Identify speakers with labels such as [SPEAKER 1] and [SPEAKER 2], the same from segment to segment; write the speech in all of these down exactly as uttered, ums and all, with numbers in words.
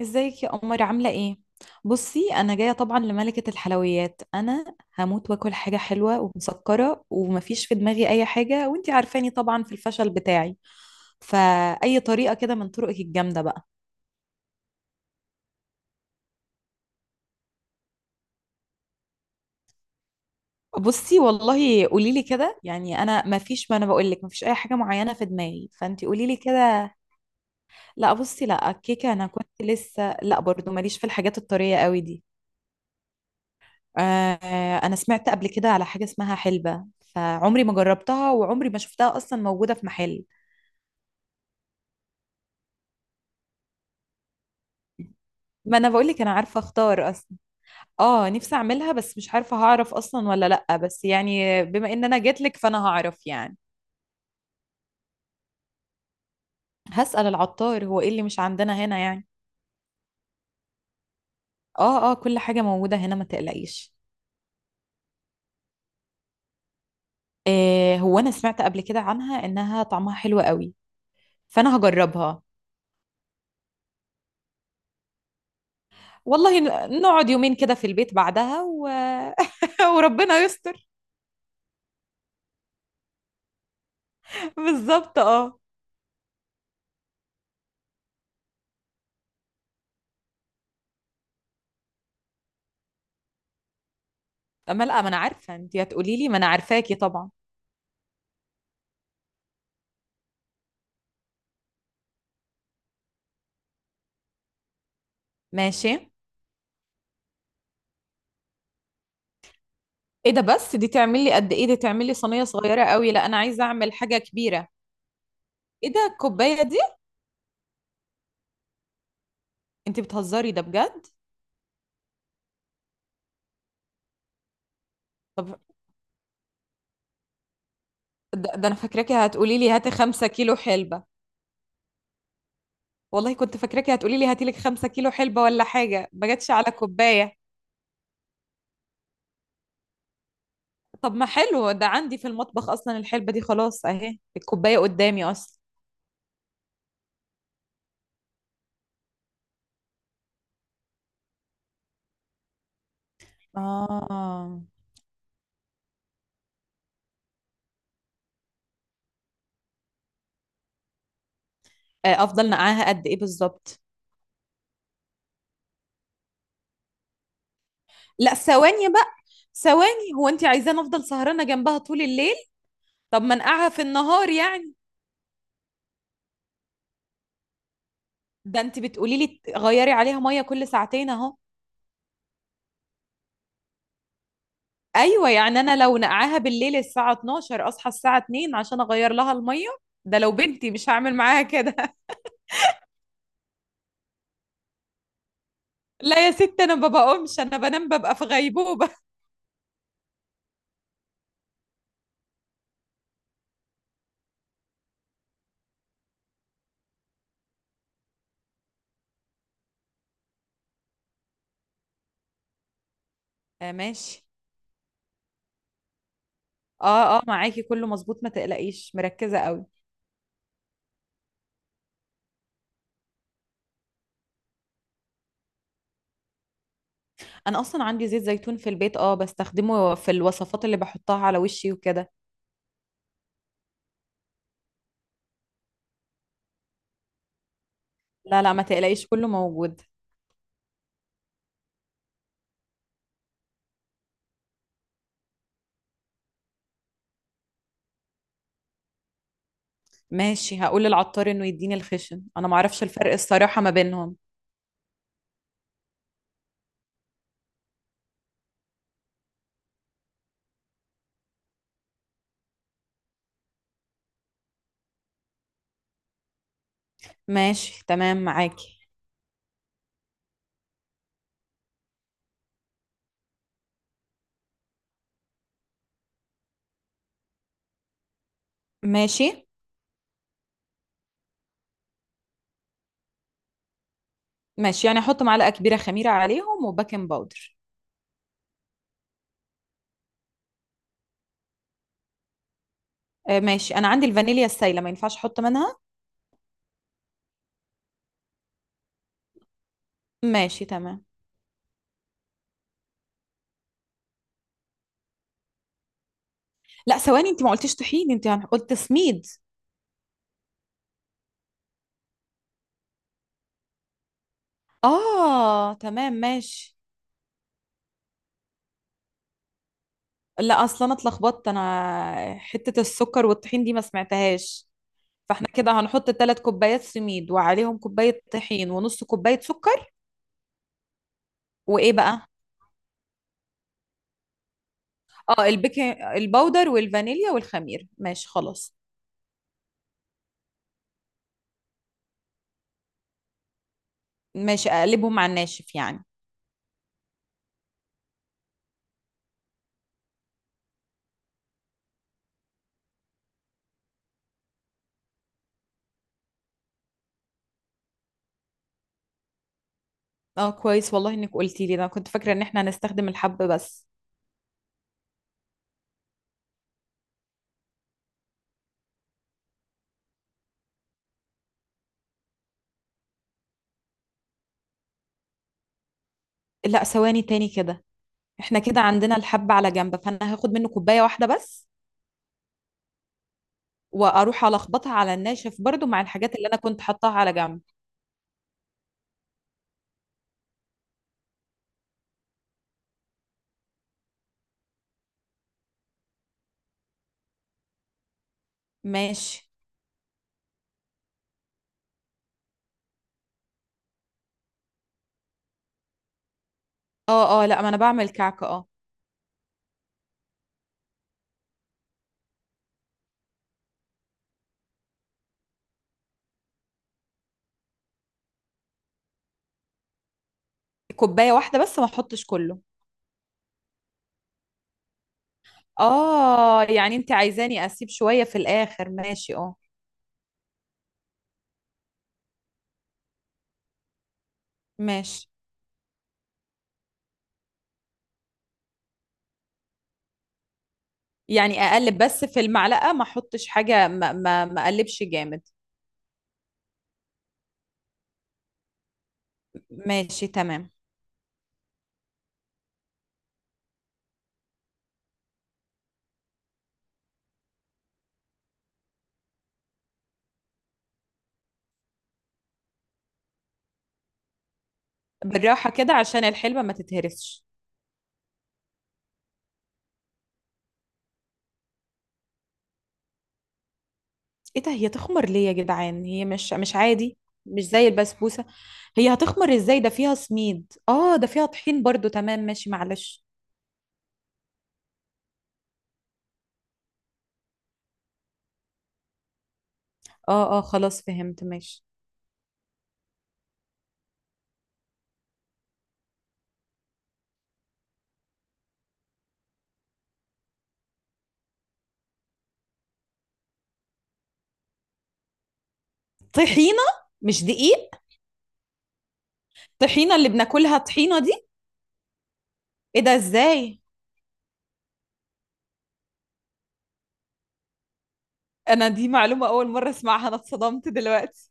[SPEAKER 1] ازيك يا قمر، عاملة ايه؟ بصي، انا جاية طبعا لملكة الحلويات. انا هموت واكل حاجة حلوة ومسكرة، ومفيش في دماغي اي حاجة، وانتي عارفاني طبعا في الفشل بتاعي. فاي طريقة كده من طرقك الجامدة بقى. بصي والله، قوليلي كده يعني، انا مفيش، ما انا بقولك مفيش اي حاجة معينة في دماغي، فانتي قوليلي كده. لا بصي، لا، الكيكة انا كنت لسه، لا برضو ماليش في الحاجات الطرية قوي دي. آه، انا سمعت قبل كده على حاجة اسمها حلبة، فعمري ما جربتها وعمري ما شفتها اصلا موجودة في محل. ما انا بقول لك انا عارفة اختار اصلا. اه، نفسي اعملها بس مش عارفة هعرف اصلا ولا لا، بس يعني بما ان انا جات لك فانا هعرف يعني. هسأل العطار هو ايه اللي مش عندنا هنا يعني. اه اه، كل حاجة موجودة هنا، ما تقلقيش. آه، هو انا سمعت قبل كده عنها انها طعمها حلو قوي. فانا هجربها. والله، ن- نقعد يومين كده في البيت بعدها و... وربنا يستر. بالظبط، اه. ما لا، ما انا عارفه انت هتقولي لي، ما انا عارفاكي طبعا. ماشي. ايه ده؟ بس دي تعمل لي قد ايه؟ دي تعمل لي صينيه صغيره قوي. لا، انا عايزه اعمل حاجه كبيره. ايه ده، الكوبايه دي؟ انت بتهزري ده بجد. طب، ده, ده انا فاكراكي هتقولي لي هاتي خمسة كيلو حلبه. والله كنت فاكراكي هتقولي لي هاتي لك خمسة كيلو حلبه ولا حاجه، ما جاتش على كوبايه. طب ما حلو، ده عندي في المطبخ اصلا الحلبه دي. خلاص اهي الكوبايه قدامي اصلا. اه. آه، افضل نقعها قد ايه بالظبط؟ لا، ثواني بقى. ثواني، هو انت عايزاني افضل سهرانه جنبها طول الليل؟ طب ما انقعها في النهار يعني. ده انت بتقولي لي غيري عليها ميه كل ساعتين اهو. ايوه، يعني انا لو نقعها بالليل الساعه اتناشر اصحى الساعه اتنين عشان اغير لها الميه. ده لو بنتي مش هعمل معاها كده. لا يا ست، انا ما بقومش، انا بنام ببقى في غيبوبه. آه، ماشي. اه اه، معاكي كله مظبوط، ما تقلقيش، مركزه قوي. انا اصلا عندي زيت زيتون في البيت، اه بستخدمه في الوصفات اللي بحطها على وشي وكده. لا لا، ما تقلقيش، كله موجود. ماشي، هقول للعطار انه يديني الخشن، انا ما اعرفش الفرق الصراحة ما بينهم. ماشي تمام معاكي. ماشي ماشي، يعني احط معلقة كبيرة خميرة عليهم وباكنج باودر. آه، ماشي، انا عندي الفانيليا السايلة، ما ينفعش احط منها؟ ماشي تمام. لا، ثواني، انت ما قلتيش طحين، انت عن- قلت سميد. اه تمام، ماشي. لا، اصلا انا اتلخبطت، انا حتة السكر والطحين دي ما سمعتهاش. فاحنا كده هنحط ثلاث كوبايات سميد وعليهم كوباية طحين ونص كوباية سكر. وايه بقى؟ اه، البيكنج الباودر والفانيليا والخميره، ماشي خلاص. ماشي، اقلبهم مع الناشف يعني. اه كويس، والله انك قلتي لي ده، أنا كنت فاكره ان احنا هنستخدم الحب بس. لا، ثواني تاني كده. احنا كده عندنا الحب على جنب، فانا هاخد منه كوبايه واحده بس. واروح الخبطها على الناشف برضو مع الحاجات اللي انا كنت حطاها على جنب. ماشي اه اه، لا، ما انا بعمل كعكه، اه. كوبايه واحده بس، ما احطش كله. اه، يعني انت عايزاني اسيب شويه في الاخر، ماشي، اه. ماشي، يعني اقلب بس في المعلقة ما احطش حاجة، ما ما ما اقلبش جامد. ماشي تمام. بالراحة كده عشان الحلوة ما تتهرسش. ايه ده، هي تخمر ليه يا جدعان؟ هي مش مش عادي، مش زي البسبوسة. هي هتخمر ازاي؟ ده فيها سميد، اه ده فيها طحين برضو. تمام ماشي، معلش. اه اه، خلاص فهمت، ماشي. طحينة، مش دقيق؟ طحينة اللي بناكلها، طحينة دي؟ ايه ده، ازاي؟ انا دي معلومة اول مرة اسمعها، انا اتصدمت دلوقتي.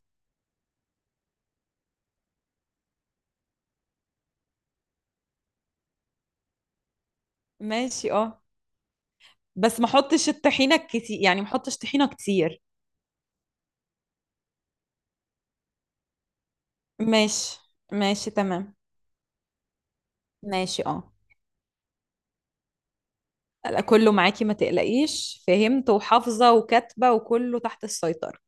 [SPEAKER 1] ماشي، اه. بس ما احطش الطحينه كتير، يعني ما احطش طحينه كتير. ماشي. ماشي تمام. ماشي، اه. لا، كله معاكي، ما تقلقيش، فهمت وحافظه وكاتبه، وكله تحت السيطره.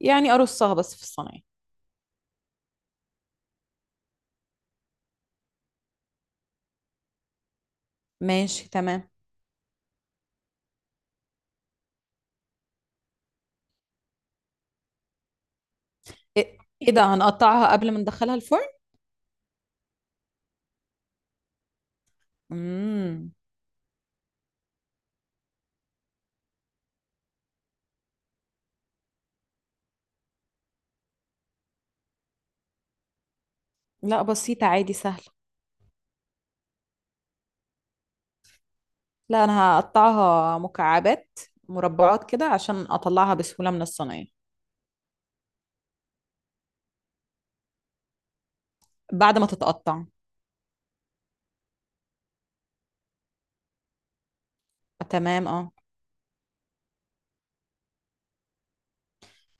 [SPEAKER 1] يعني ارصها بس في الصينيه. ماشي تمام. ايه إيه ده، هنقطعها قبل ما ندخلها الفرن؟ امم. لا، بسيطه، عادي، سهله. لا، انا هقطعها مكعبات، مربعات كده عشان اطلعها بسهوله من الصينيه. بعد ما تتقطع. تمام، اه.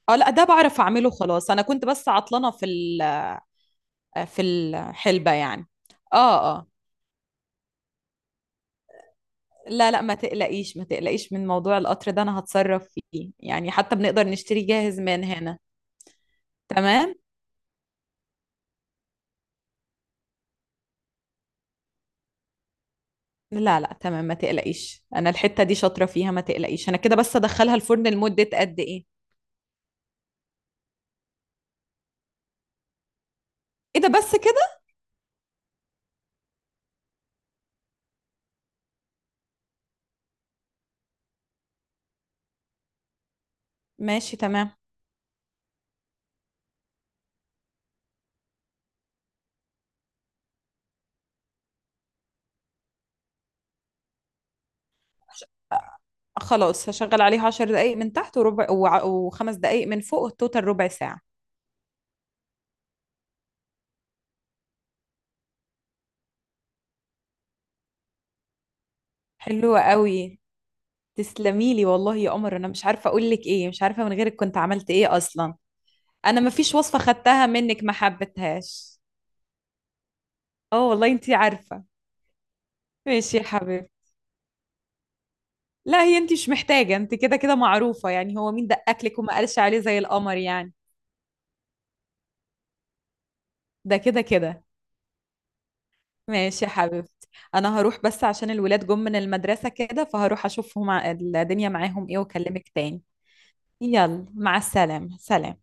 [SPEAKER 1] اه لا، ده بعرف اعمله، خلاص. انا كنت بس عطلانه في ال في الحلبة يعني. اه اه، لا لا، ما تقلقيش، ما تقلقيش من موضوع القطر ده، انا هتصرف فيه يعني، حتى بنقدر نشتري جاهز من هنا. تمام. لا لا، تمام، ما تقلقيش، انا الحتة دي شاطرة فيها، ما تقلقيش. انا كده بس ادخلها الفرن لمدة قد ايه؟ ايه ده، بس كده؟ ماشي تمام. ش- خلاص هشغل عليه عشر دقايق من تحت، وربع، وع- وخمس دقايق من فوق، التوتال ربع ساعة. حلوة قوي. تسلميلي والله يا قمر، انا مش عارفة اقول لك ايه، مش عارفة من غيرك كنت عملت ايه اصلا. انا ما فيش وصفة خدتها منك ما حبيتهاش. اه والله، انتي عارفة. ماشي يا حبيبي. لا، هي انتي مش محتاجة، انتي كده كده معروفة يعني، هو مين دققلك وما قالش عليه زي القمر يعني. ده كده كده. ماشي يا حبيبتي. انا هروح بس عشان الولاد جم من المدرسة كده، فهروح اشوفهم ع- الدنيا معاهم ايه، واكلمك تاني. يلا مع السلامة، سلام.